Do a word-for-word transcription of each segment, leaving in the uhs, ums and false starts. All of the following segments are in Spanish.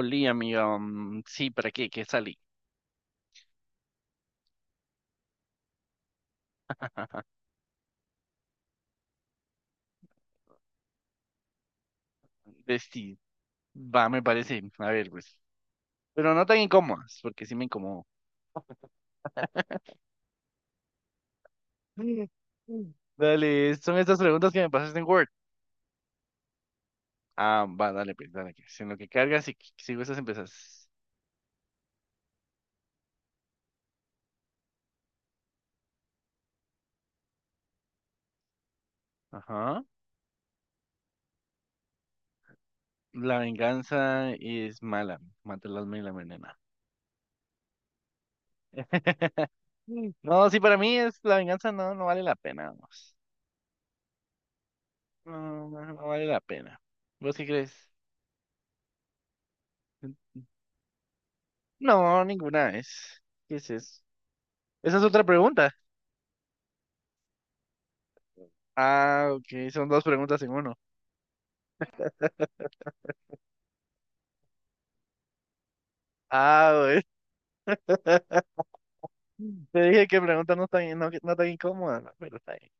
Olí, amiga. mm, sí, ¿para qué? ¿Qué salí? Vestí. Va, me parece. A ver, pues. Pero no tan incómodas, porque sí me incomodó. Mm, mm. Dale, son estas preguntas que me pasaste en Word. Ah, va, dale, pues, dale. Que si en lo que cargas y que- sigo esas empezás. Ajá. La venganza es mala. Mata el alma y la envenena. No, sí, para mí es la venganza no, no vale la pena, vamos. No, no, no no vale la pena. ¿Vos qué crees? No, ninguna es. ¿Qué es eso? Esa es otra pregunta. Ah, ok, son dos preguntas en uno. Ah, güey. Te dije que preguntas no tan, no, no tan incómodas, ¿no? Pero está bien.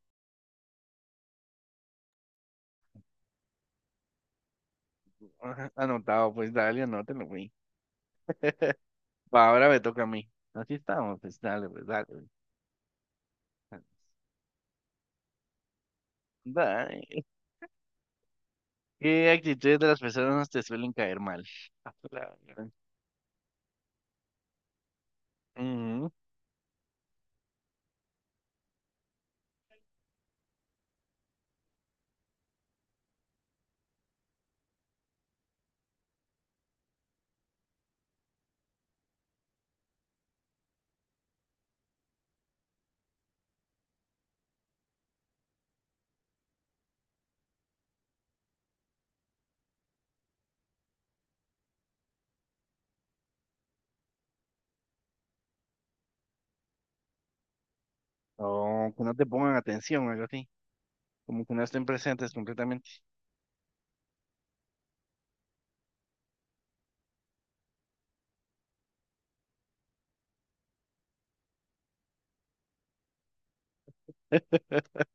Ajá, anotado, pues dale, anótelo, güey. Va, ahora me toca a mí. Así estamos, pues dale, pues dale, güey. Dale. ¿Qué actitudes de las personas te suelen caer mal? A la gran- Ujú. O que no te pongan atención, algo así. Como que no estén presentes completamente.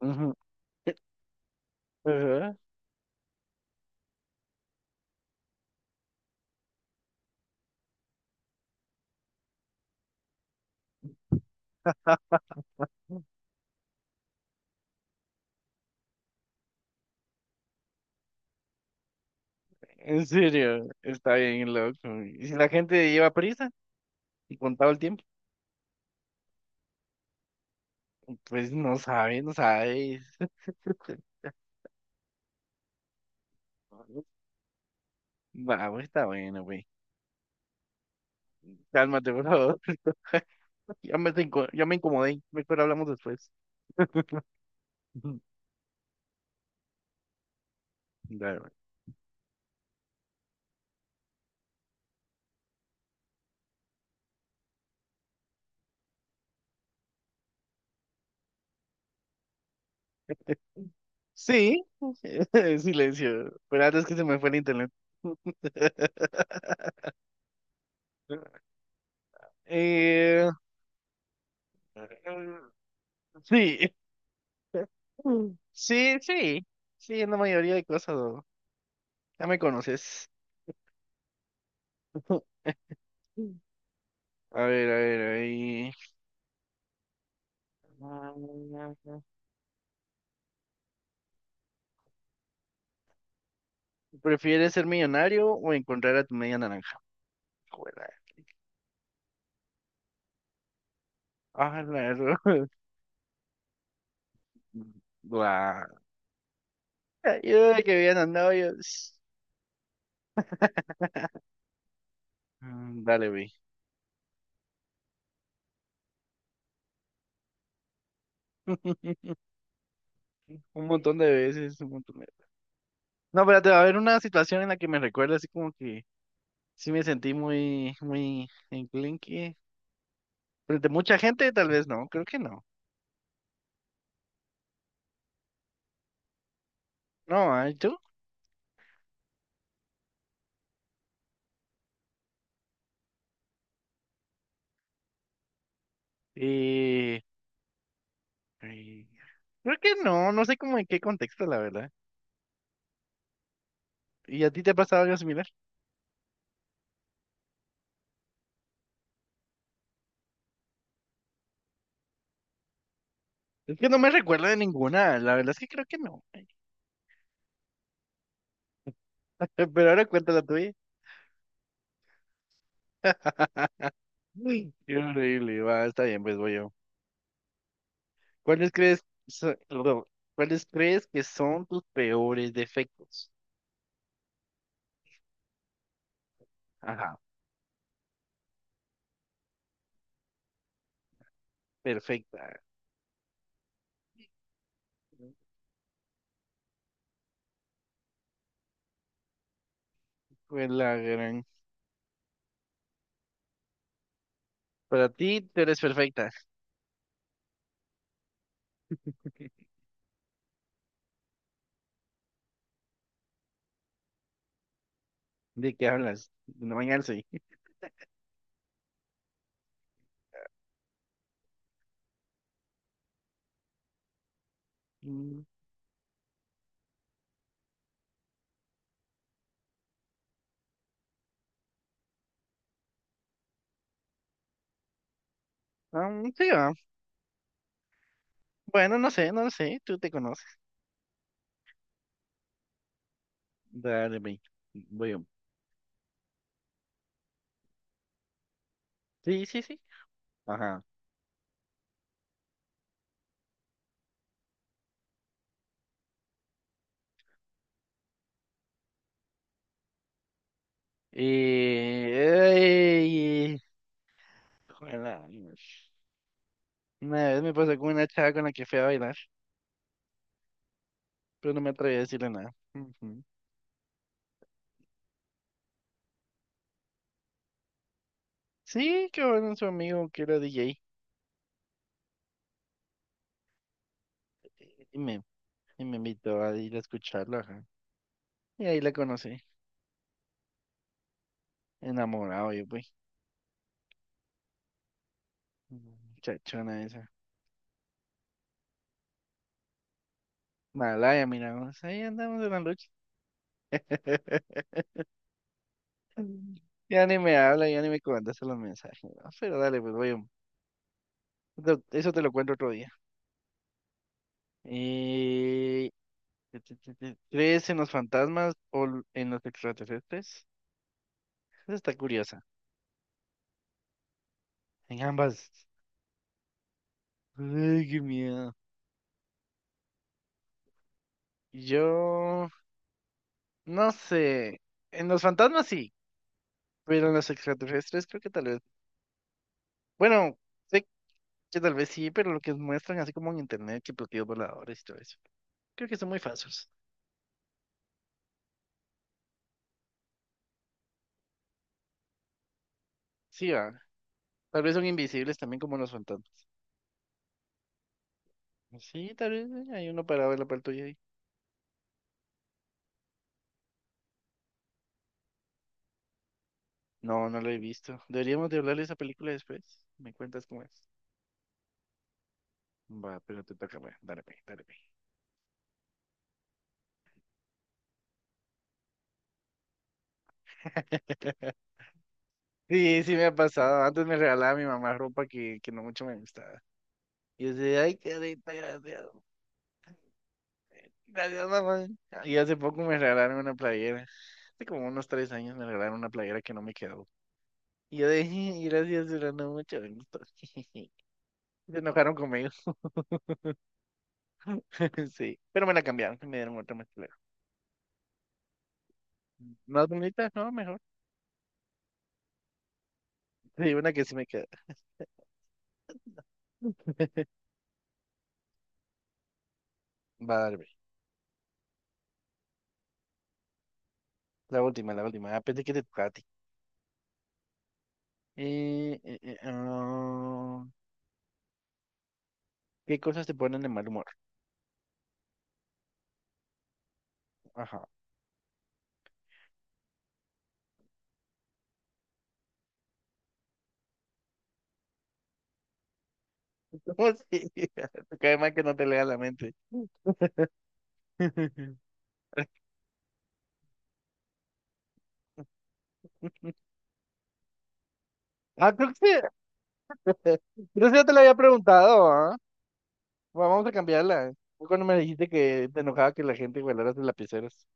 Ujú. Ajá. En serio, está bien loco. Y si la gente lleva prisa y contaba el tiempo, pues no sabe, no sabe. Va, güey, está bueno, güey. Cálmate, por favor. Ya me, te inco- ya me incomodé. Mejor hablamos después. Dale, güey. Sí, silencio. Pero antes que se me fue el internet. Eh, sí, sí, sí. Sí, en la mayoría de cosas, ¿no? Ya me conoces. A ver, a ver, a ver. ¿Prefieres ser millonario o encontrar a tu media naranja? Joder. Ah, la ro- Guau. Ayuda, que habían andado yo. Mm, Dale, vi. Un montón de veces, un montón de... No, espérate, va a haber una situación en la que me recuerda así como que sí me sentí muy, muy enclenque. Frente a mucha gente, tal vez no, creo que no. No, ¿ah? ¿Y tú? Eh, eh, creo que no, no sé como en qué contexto, la verdad. ¿Y a ti te ha pasado algo similar? Es que no me recuerdo de ninguna, la verdad es que creo que no. Pero ahora cuenta la tuya. Uy, qué horrible, va, está bien, pues voy yo. ¿Cuáles crees, so- perdón, ¿cuáles crees que son tus peores defectos? Ajá, perfecta. Fue la gran. Para ti, tú eres perfecta. ¿De qué hablas? No bañarse. Mm, ah, sí, va. Bueno, no sé, no sé, tú te conoces. Dale, ve. Voy yo. Sí, sí, sí. Ajá. Eh, Juela, Dios. Una vez me pasó con una chava con la que fui a bailar, pero no me atreví a decirle nada. Ujú. Sí, que bueno, su amigo que era D J, y me, y me invitó a ir a escucharlo. Ajá. Y ahí la conocí, enamorado yo, pues. Mm, Chachona esa. Malaya, miramos, ahí andamos en la lucha. Ya ni me habla, ya ni me contesta los mensajes, ¿no? Pero dale, pues voy. Eso te lo cuento otro día. Eh, ¿Crees en los fantasmas o l- en los extraterrestres? Esa está curiosa. En ambas. Ay, qué miedo. Yo no sé. En los fantasmas sí, pero en los extraterrestres creo que tal vez. Bueno, sé que tal vez sí, pero lo que muestran así como en internet, que platillos voladores y todo eso. Creo que son muy falsos. Sí, va. Tal vez son invisibles también como los fantasmas. Sí, tal vez eh, hay uno parado en la par tuya ahí. No, no lo he visto. Deberíamos de hablar de esa película después. ¿Me cuentas cómo es? Va, pero te toca, pues. Dale, pues, dale, pues. Sí, sí me ha pasado. Antes me regalaba mi mamá ropa que, que no mucho me gustaba. Y yo decía, ay, qué rica, gracias. Gracias, mamá. Y hace poco me regalaron una playera. Hace como unos tres años me regalaron una playera que no me quedó. Y yo dije, gracias, pero no mucho me gustó. Se enojaron conmigo. Sí. Pero me la cambiaron, y me dieron otra más clara. Más bonita, no, mejor. Sí, una que sí me queda. Va, dale, pues. La última, la última. Ah, pensé que te tocaba. Eh, eh, eh, ah, ¿qué cosas te ponen de mal humor? Ajá. No, sí, cae mal que no te lea la mente. Ah, creo que sí, creo que ya te lo había preguntado, ¿ah? Bueno, vamos a cambiarla. Fue cuando me dijiste que te enojaba que la gente guardara sus lapiceros.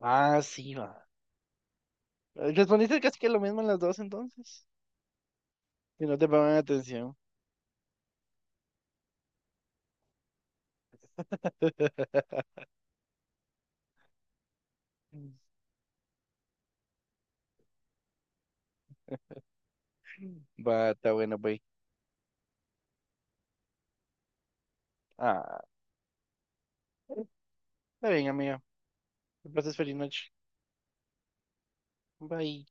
Ah, sí, va. Respondiste casi que lo mismo en las dos entonces. Que no te pongan atención. Va, está bueno, bye. Ah, está bien, amiga. Que pases feliz noche. Bye.